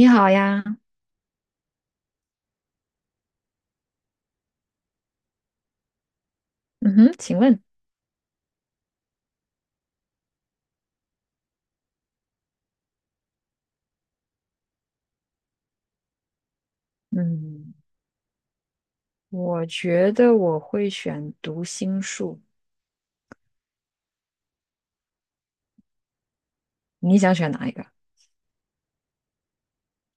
你好呀。嗯哼，请问。嗯，我觉得我会选读心术。你想选哪一个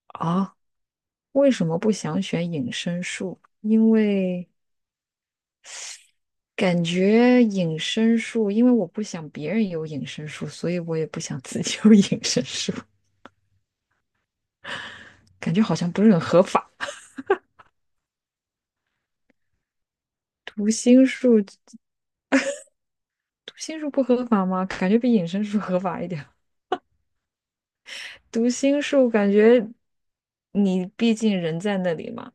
啊？为什么不想选隐身术？因为感觉隐身术，因为我不想别人有隐身术，所以我也不想自己有 隐身术，感觉好像不是很合法。读心术，读心术不合法吗？感觉比隐身术合法一点。读心术感觉你毕竟人在那里嘛。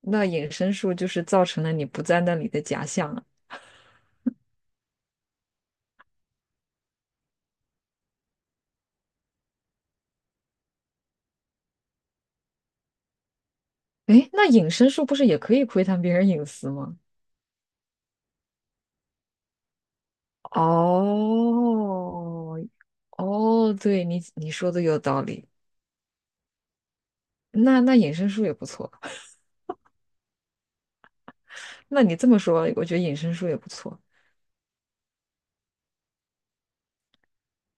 那隐身术就是造成了你不在那里的假象啊。诶，那隐身术不是也可以窥探别人隐私吗？哦。哦，对，你说的有道理。那那隐身术也不错。那你这么说，我觉得隐身术也不错。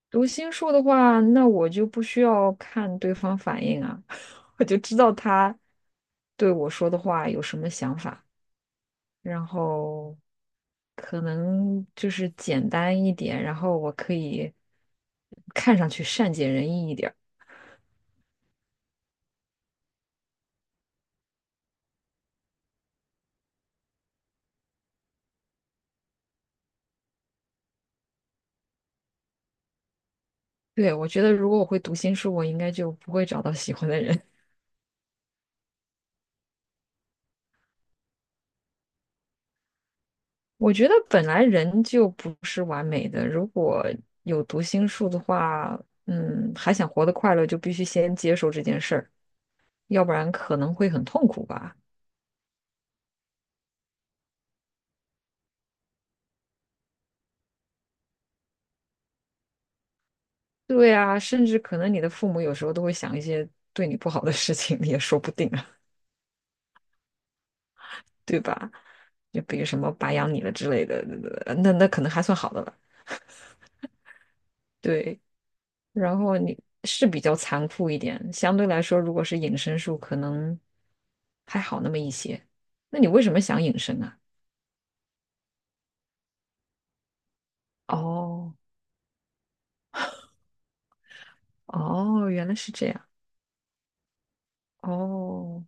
读心术的话，那我就不需要看对方反应啊，我就知道他对我说的话有什么想法。然后可能就是简单一点，然后我可以看上去善解人意一点儿。对，我觉得如果我会读心术，我应该就不会找到喜欢的人。我觉得本来人就不是完美的。如果有读心术的话，还想活得快乐，就必须先接受这件事儿，要不然可能会很痛苦吧。对啊，甚至可能你的父母有时候都会想一些对你不好的事情，也说不定。对吧？就比如什么白养你了之类的。那那可能还算好的了。对，然后你是比较残酷一点，相对来说，如果是隐身术，可能还好那么一些。那你为什么想隐身啊？哦。哦，原来是这样。哦。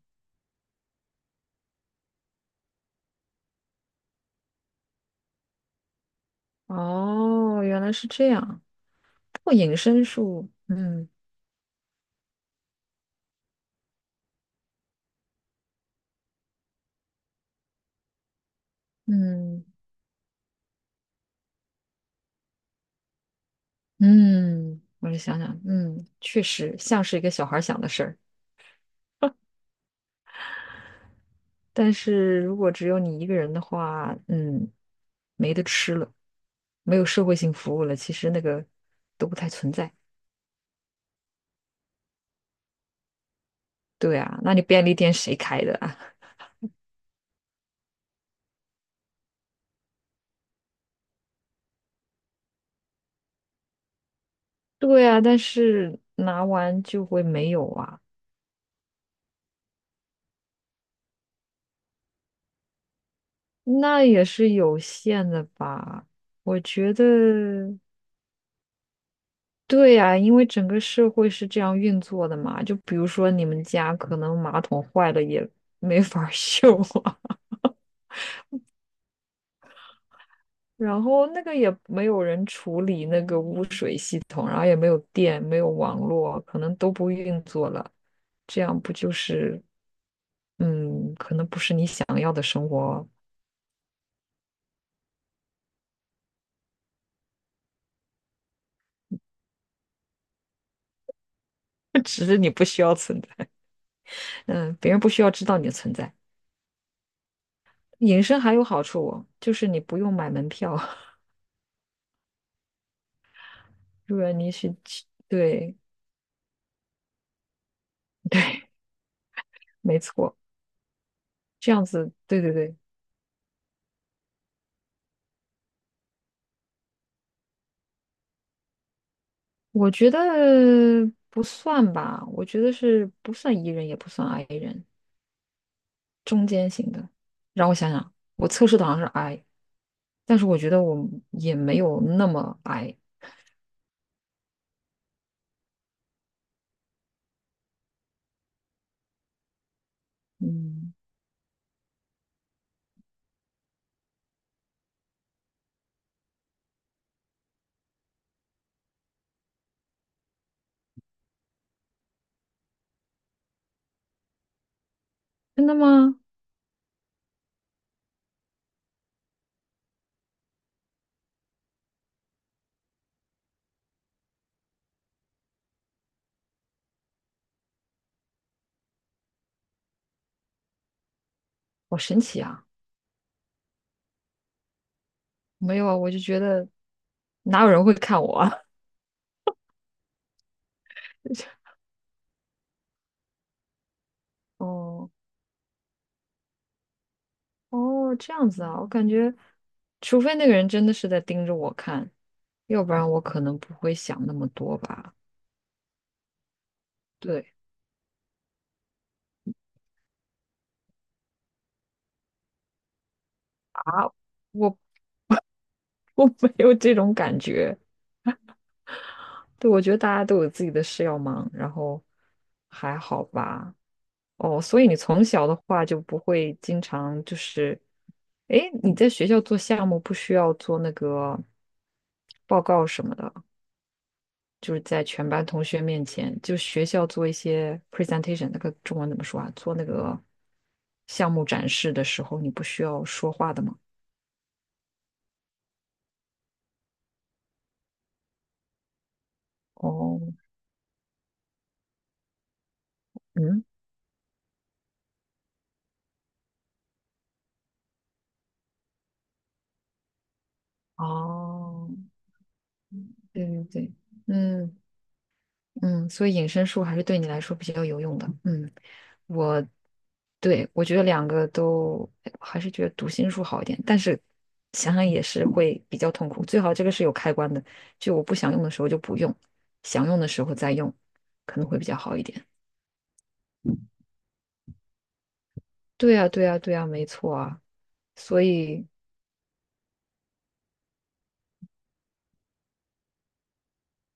哦，原来是这样。不过隐身术，嗯嗯，我就想想，嗯，确实像是一个小孩儿想的事儿。但是如果只有你一个人的话，没得吃了，没有社会性服务了，其实那个都不太存在。对啊，那你便利店谁开的啊？对啊，但是拿完就会没有啊。那也是有限的吧？我觉得，对啊，因为整个社会是这样运作的嘛。就比如说你们家可能马桶坏了也没法儿 修啊。然后那个也没有人处理那个污水系统，然后也没有电，没有网络，可能都不运作了。这样不就是，可能不是你想要的生活。只是你不需要存在，嗯，别人不需要知道你的存在。隐身还有好处哦，就是你不用买门票。入果你去，对，没错，这样子，对对对。我觉得不算吧，我觉得是不算 E 人，也不算 I 人。中间型的。让我想想，我测试的好像是 I，但是我觉得我也没有那么 I。嗯，真的吗？好神奇啊！没有啊，我就觉得哪有人会看我啊？哦。哦，这样子啊，我感觉，除非那个人真的是在盯着我看，要不然我可能不会想那么多吧。对啊，我我没有这种感觉。对，我觉得大家都有自己的事要忙，然后还好吧。哦，所以你从小的话就不会经常就是，诶，你在学校做项目不需要做那个报告什么的，就是在全班同学面前，就学校做一些 presentation，那个中文怎么说啊？做那个项目展示的时候，你不需要说话的吗？哦。嗯。哦，对对对。嗯嗯，所以隐身术还是对你来说比较有用的，嗯。我对，我觉得两个都还是觉得读心术好一点，但是想想也是会比较痛苦。最好这个是有开关的，就我不想用的时候就不用，想用的时候再用，可能会比较好一点。对呀，对呀，对呀，没错啊。所以，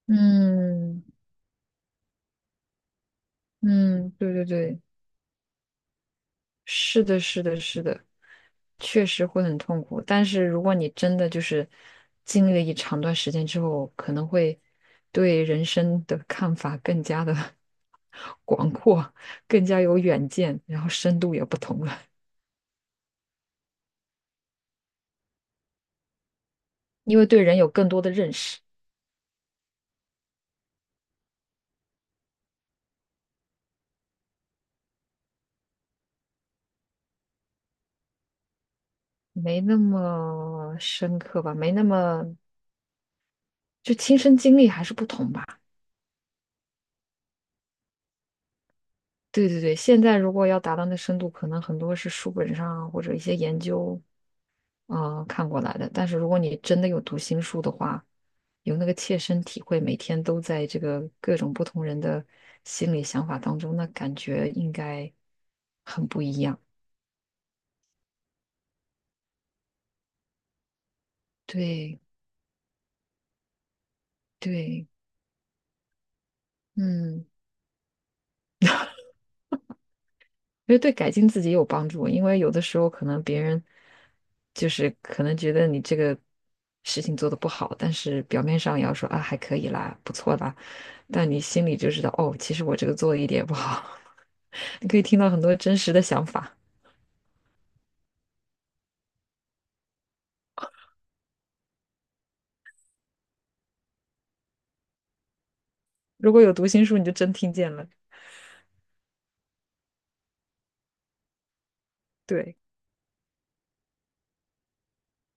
嗯嗯，对对对。是的，是的，是的，确实会很痛苦。但是如果你真的就是经历了一长段时间之后，可能会对人生的看法更加的 广阔，更加有远见，然后深度也不同了，因为对人有更多的认识。没那么深刻吧，没那么就亲身经历还是不同吧。对对对，现在如果要达到那深度，可能很多是书本上啊或者一些研究啊、看过来的。但是如果你真的有读心术的话，有那个切身体会，每天都在这个各种不同人的心理想法当中，那感觉应该很不一样。对对，嗯，因为对改进自己有帮助。因为有的时候可能别人就是可能觉得你这个事情做的不好，但是表面上也要说啊还可以啦，不错啦，但你心里就知道哦，其实我这个做的一点也不好。你可以听到很多真实的想法。如果有读心术，你就真听见了。对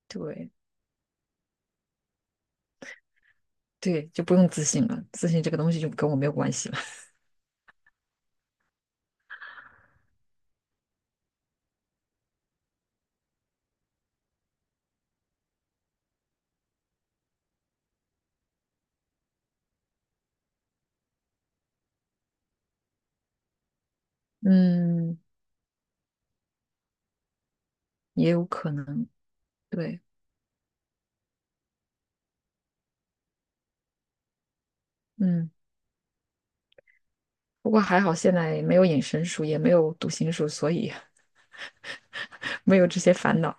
对对，就不用自信了，自信这个东西就跟我没有关系了。嗯，也有可能，对，嗯。不过还好，现在没有隐身术，也没有读心术，所以 没有这些烦恼。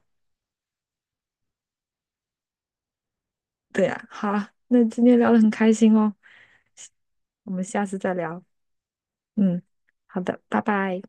对呀，好啊，那今天聊得很开心哦，我们下次再聊。嗯，好的，拜拜。